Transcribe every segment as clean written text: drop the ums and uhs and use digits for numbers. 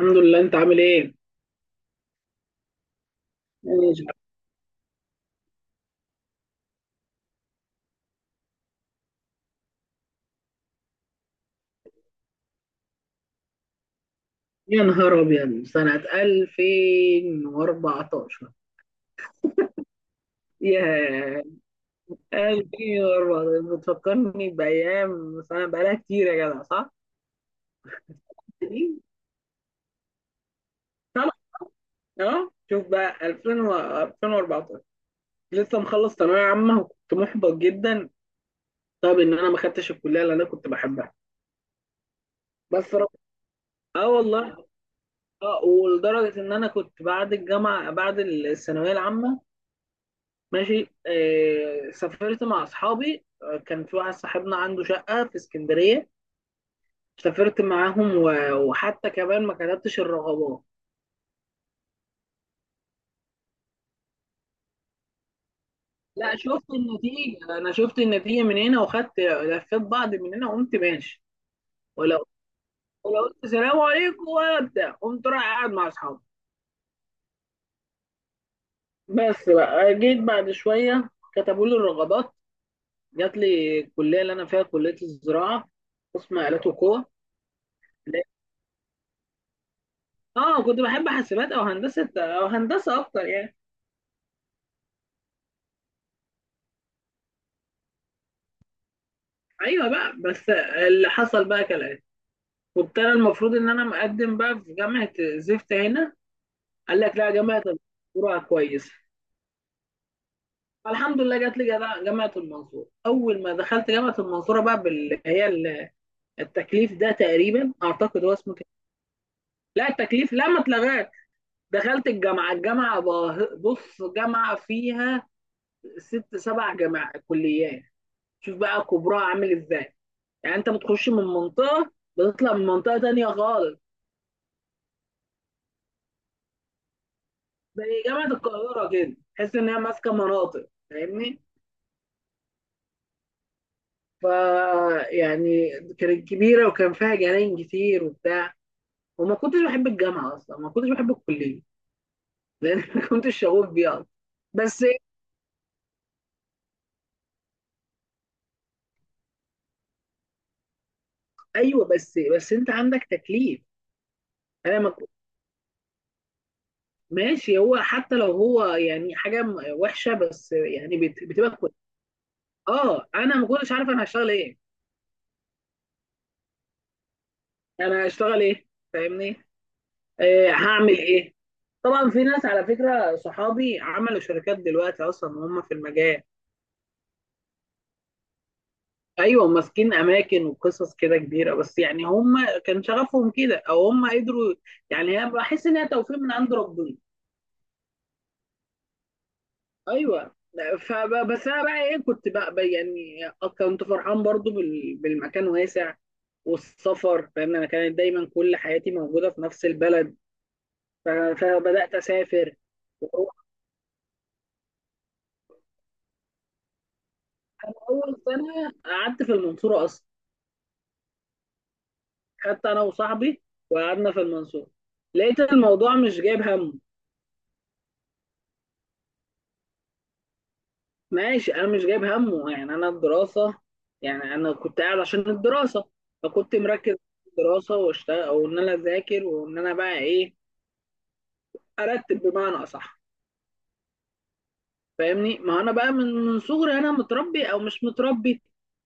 الحمد لله، انت عامل ايه؟ ماشي. يا نهار ابيض سنة 2014. ياه. 2014 بتفكرني بأيام سنة بقالها كتير يا جدع، صح؟ طبعا. اه شوف بقى 2000 و 2014. لسه مخلص ثانوية عامة وكنت محبط جدا. طب ان انا ما خدتش الكلية اللي انا كنت بحبها. بس رب... اه والله. اه، ولدرجة ان انا كنت بعد الجامعة بعد الثانوية العامة ماشي. سافرت مع اصحابي، كان في واحد صاحبنا عنده شقه في اسكندريه. سافرت معاهم وحتى كمان ما كتبتش الرغبات. لا، شفت النتيجه، انا شفت النتيجه من هنا وخدت لفيت بعض من هنا وقمت ماشي. ولو ولو قلت سلام عليكم ولا بتاع قمت رايح قاعد مع اصحابي. بس بقى جيت بعد شويه، كتبوا لي الرغبات. جات لي الكليه اللي انا فيها، كليه الزراعه، قسم آلات وقوى. لا- اه، كنت بحب حاسبات او هندسه، او هندسه اكتر يعني. ايوه بقى، بس اللي حصل بقى كالاتي. كنت انا المفروض ان انا مقدم بقى في جامعه زفت هنا. قال لك لا، جامعه المنصوره كويسه. فالحمد لله جات لي جامعه المنصوره. اول ما دخلت جامعه المنصوره بقى، باللي هي التكليف ده، تقريبا اعتقد هو اسمه كده. لا، التكليف لا ما اتلغاش. دخلت الجامعه، بص، جامعه فيها ست سبع جامعات كليات. شوف بقى كبرها عامل ازاي. يعني انت بتخش من منطقه بتطلع من منطقه تانيه خالص. زي جامعة القاهرة كده، تحس إن هي ماسكة مناطق، فاهمني؟ فا يعني كانت كبيرة وكان فيها جناين كتير وبتاع. وما كنتش بحب الجامعة أصلا، ما كنتش بحب الكلية لأن ما كنتش شغوف بيها أصلا. بس أيوه، بس أنت عندك تكليف. أنا ما كنت- ماشي، هو حتى لو هو يعني حاجة وحشة بس يعني بتبقى كويسة. أه، أنا ما كنتش عارف أنا هشتغل إيه. أنا هشتغل إيه؟ فاهمني؟ آه، هعمل ايه. طبعا في ناس، على فكره، صحابي عملوا شركات دلوقتي اصلا وهم في المجال. ايوه ماسكين اماكن وقصص كده كبيره، بس يعني هم كان شغفهم كده او هم قدروا. يعني هي بحس انها توفيق من عند ربنا. ايوه. انا بقى ايه، كنت بقى يعني كنت فرحان برضو بالمكان واسع والسفر، لان انا كانت دايما كل حياتي موجوده في نفس البلد. فبدات اسافر. اول سنه قعدت في المنصوره اصلا، خدت انا وصاحبي وقعدنا في المنصورة، لقيت الموضوع مش جايب همه. ماشي، انا مش جايب همه يعني، انا الدراسة، يعني انا كنت قاعد عشان الدراسة. فكنت مركز في الدراسة، واشتغل وان انا اذاكر وان انا بقى ايه، ارتب بمعنى اصح. فاهمني؟ ما انا بقى من صغري انا متربي او مش متربي،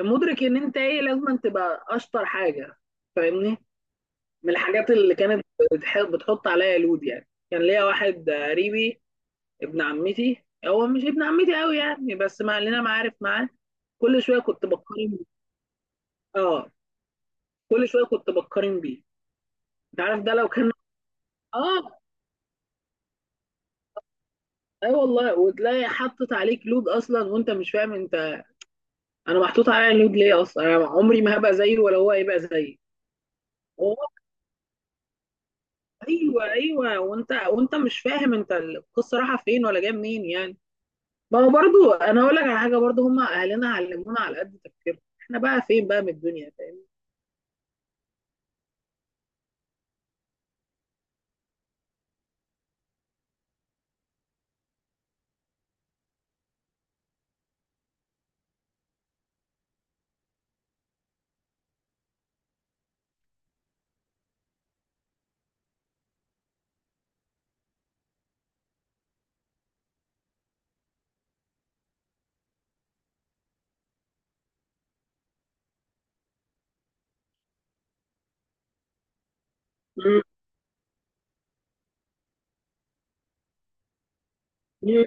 مدرك ان انت ايه، لازم أن تبقى اشطر حاجة. فاهمني؟ من الحاجات اللي كانت بتحط عليا لود يعني، كان ليا واحد قريبي، ابن عمتي. هو مش ابن عمتي قوي يعني، بس مع لنا معارف معاه. كل شويه كنت بقارن بيه. اه، كل شويه كنت بقارن بيه. انت عارف ده لو كان. اه، اي والله. وتلاقي حطت عليك لود اصلا وانت مش فاهم انت، انا محطوط عليا لود ليه اصلا. انا عمري ما هبقى زيه ولا هو هيبقى زيي. هو ايوه، ايوه. وانت مش فاهم انت القصه رايحه فين ولا جايه منين يعني. ما هو برضو انا اقول لك على حاجه برضو، هم اهلنا علمونا على قد تفكيرنا، احنا بقى فين بقى من الدنيا، فاهم؟ مم. مم.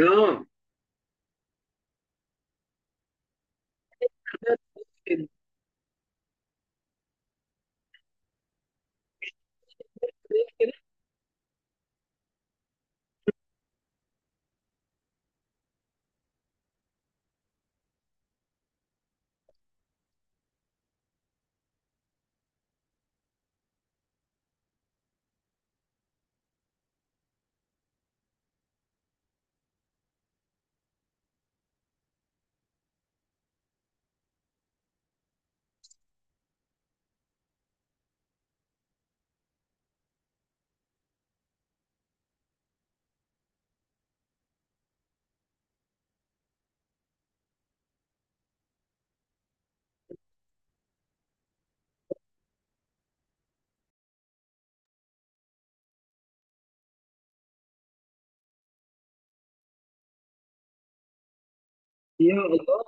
اه. يا الله.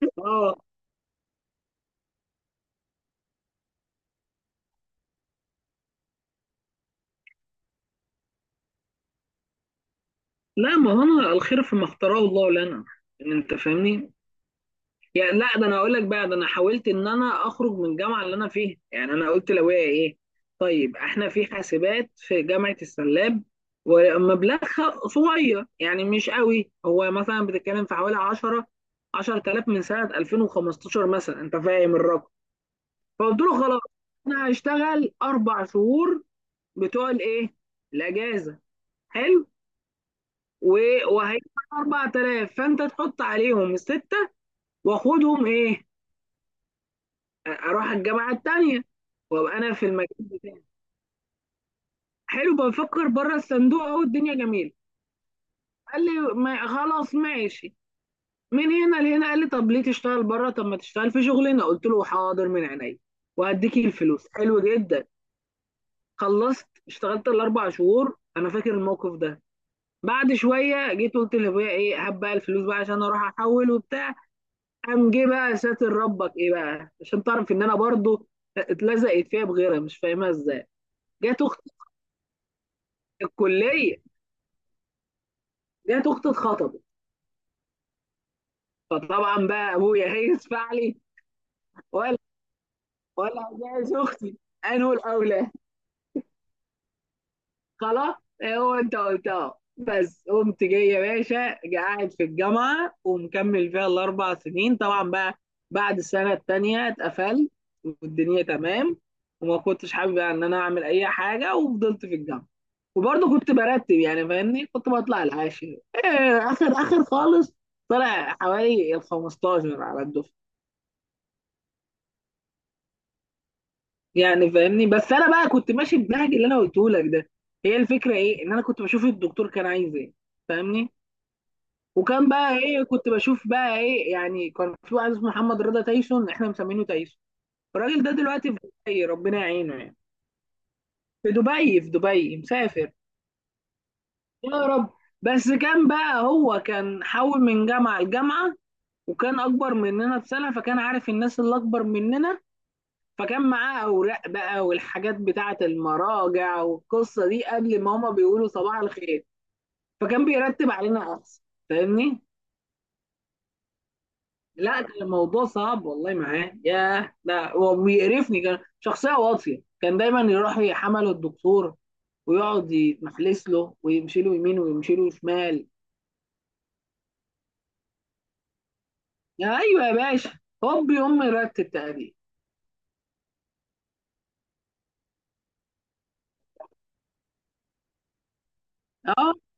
اه. لا، ما هو انا الخير فيما اختاره الله لنا. يعني انت فاهمني، يعني لا. ده انا اقول لك بقى، ده انا حاولت ان انا اخرج من الجامعه اللي انا فيها. يعني انا قلت لو هي ايه، طيب احنا في حاسبات في جامعه السلاب ومبلغها صغير يعني مش قوي، هو مثلا بتتكلم في حوالي 10، 10,000 من سنه 2015 مثلا. انت فاهم الرقم؟ فقلت له خلاص، انا هشتغل اربع شهور بتوع الايه، الاجازه. حلو. وهيدفع 4,000، فانت تحط عليهم سته، واخدهم ايه، اروح الجامعه التانيه وابقى انا في المكان بتاعي. حلو، بفكر بره الصندوق، اهو الدنيا جميله. قال لي ما خلاص ماشي، من هنا لهنا قال لي طب ليه تشتغل بره، طب ما تشتغل في شغلنا. قلت له حاضر من عينيا. وهديكي الفلوس. حلو جدا. خلصت اشتغلت الاربع شهور، انا فاكر الموقف ده. بعد شويه جيت قلت لابويا ايه، هات بقى الفلوس بقى عشان اروح احول وبتاع. قام جه بقى ساتر ربك ايه بقى، عشان تعرف ان انا برضو اتلزقت فيها بغيرها مش فاهمها ازاي. جت اختي في الكليه، جت اختي اتخطبت. فطبعا بقى ابويا هيس فعلي. ولا، جايز اختي، انا الاولى. خلاص. إيه، هو انت قلتها. بس قمت جاي يا باشا قاعد في الجامعه ومكمل فيها الاربع سنين طبعا بقى. بعد السنه التانيه اتقفلت والدنيا تمام. وما كنتش حابب يعني ان انا اعمل اي حاجه، وفضلت في الجامعه. وبرضه كنت برتب يعني، فاهمني، كنت بطلع العاشر، إيه اخر خالص. طلع حوالي ال 15 على الدفعه. يعني فاهمني، بس انا بقى كنت ماشي بالنهج اللي انا قلته لك ده. هي الفكره ايه، ان انا كنت بشوف الدكتور كان عايز ايه، فاهمني؟ وكان بقى ايه، كنت بشوف بقى ايه يعني. كان في واحد اسمه محمد رضا تايسون، احنا مسمينه تايسون. الراجل ده دلوقتي في دبي، ربنا يعينه يعني. في دبي، في دبي مسافر. يا رب. بس كان بقى، هو كان حول من جامعة لجامعة وكان اكبر مننا بسنة، فكان عارف الناس اللي اكبر مننا. فكان معاه اوراق بقى والحاجات بتاعة المراجع والقصة دي قبل ما هما بيقولوا صباح الخير. فكان بيرتب علينا احسن. فاهمني؟ لا كان الموضوع صعب والله معاه. ياه ده هو بيقرفني، كان شخصية واطية. كان دايما يروح يحمله الدكتور ويقعد يتمحلس له ويمشي له يمين ويمشي له شمال. يا ايوه يا باشا، هوب يقوم مرتب تقريبا. اه.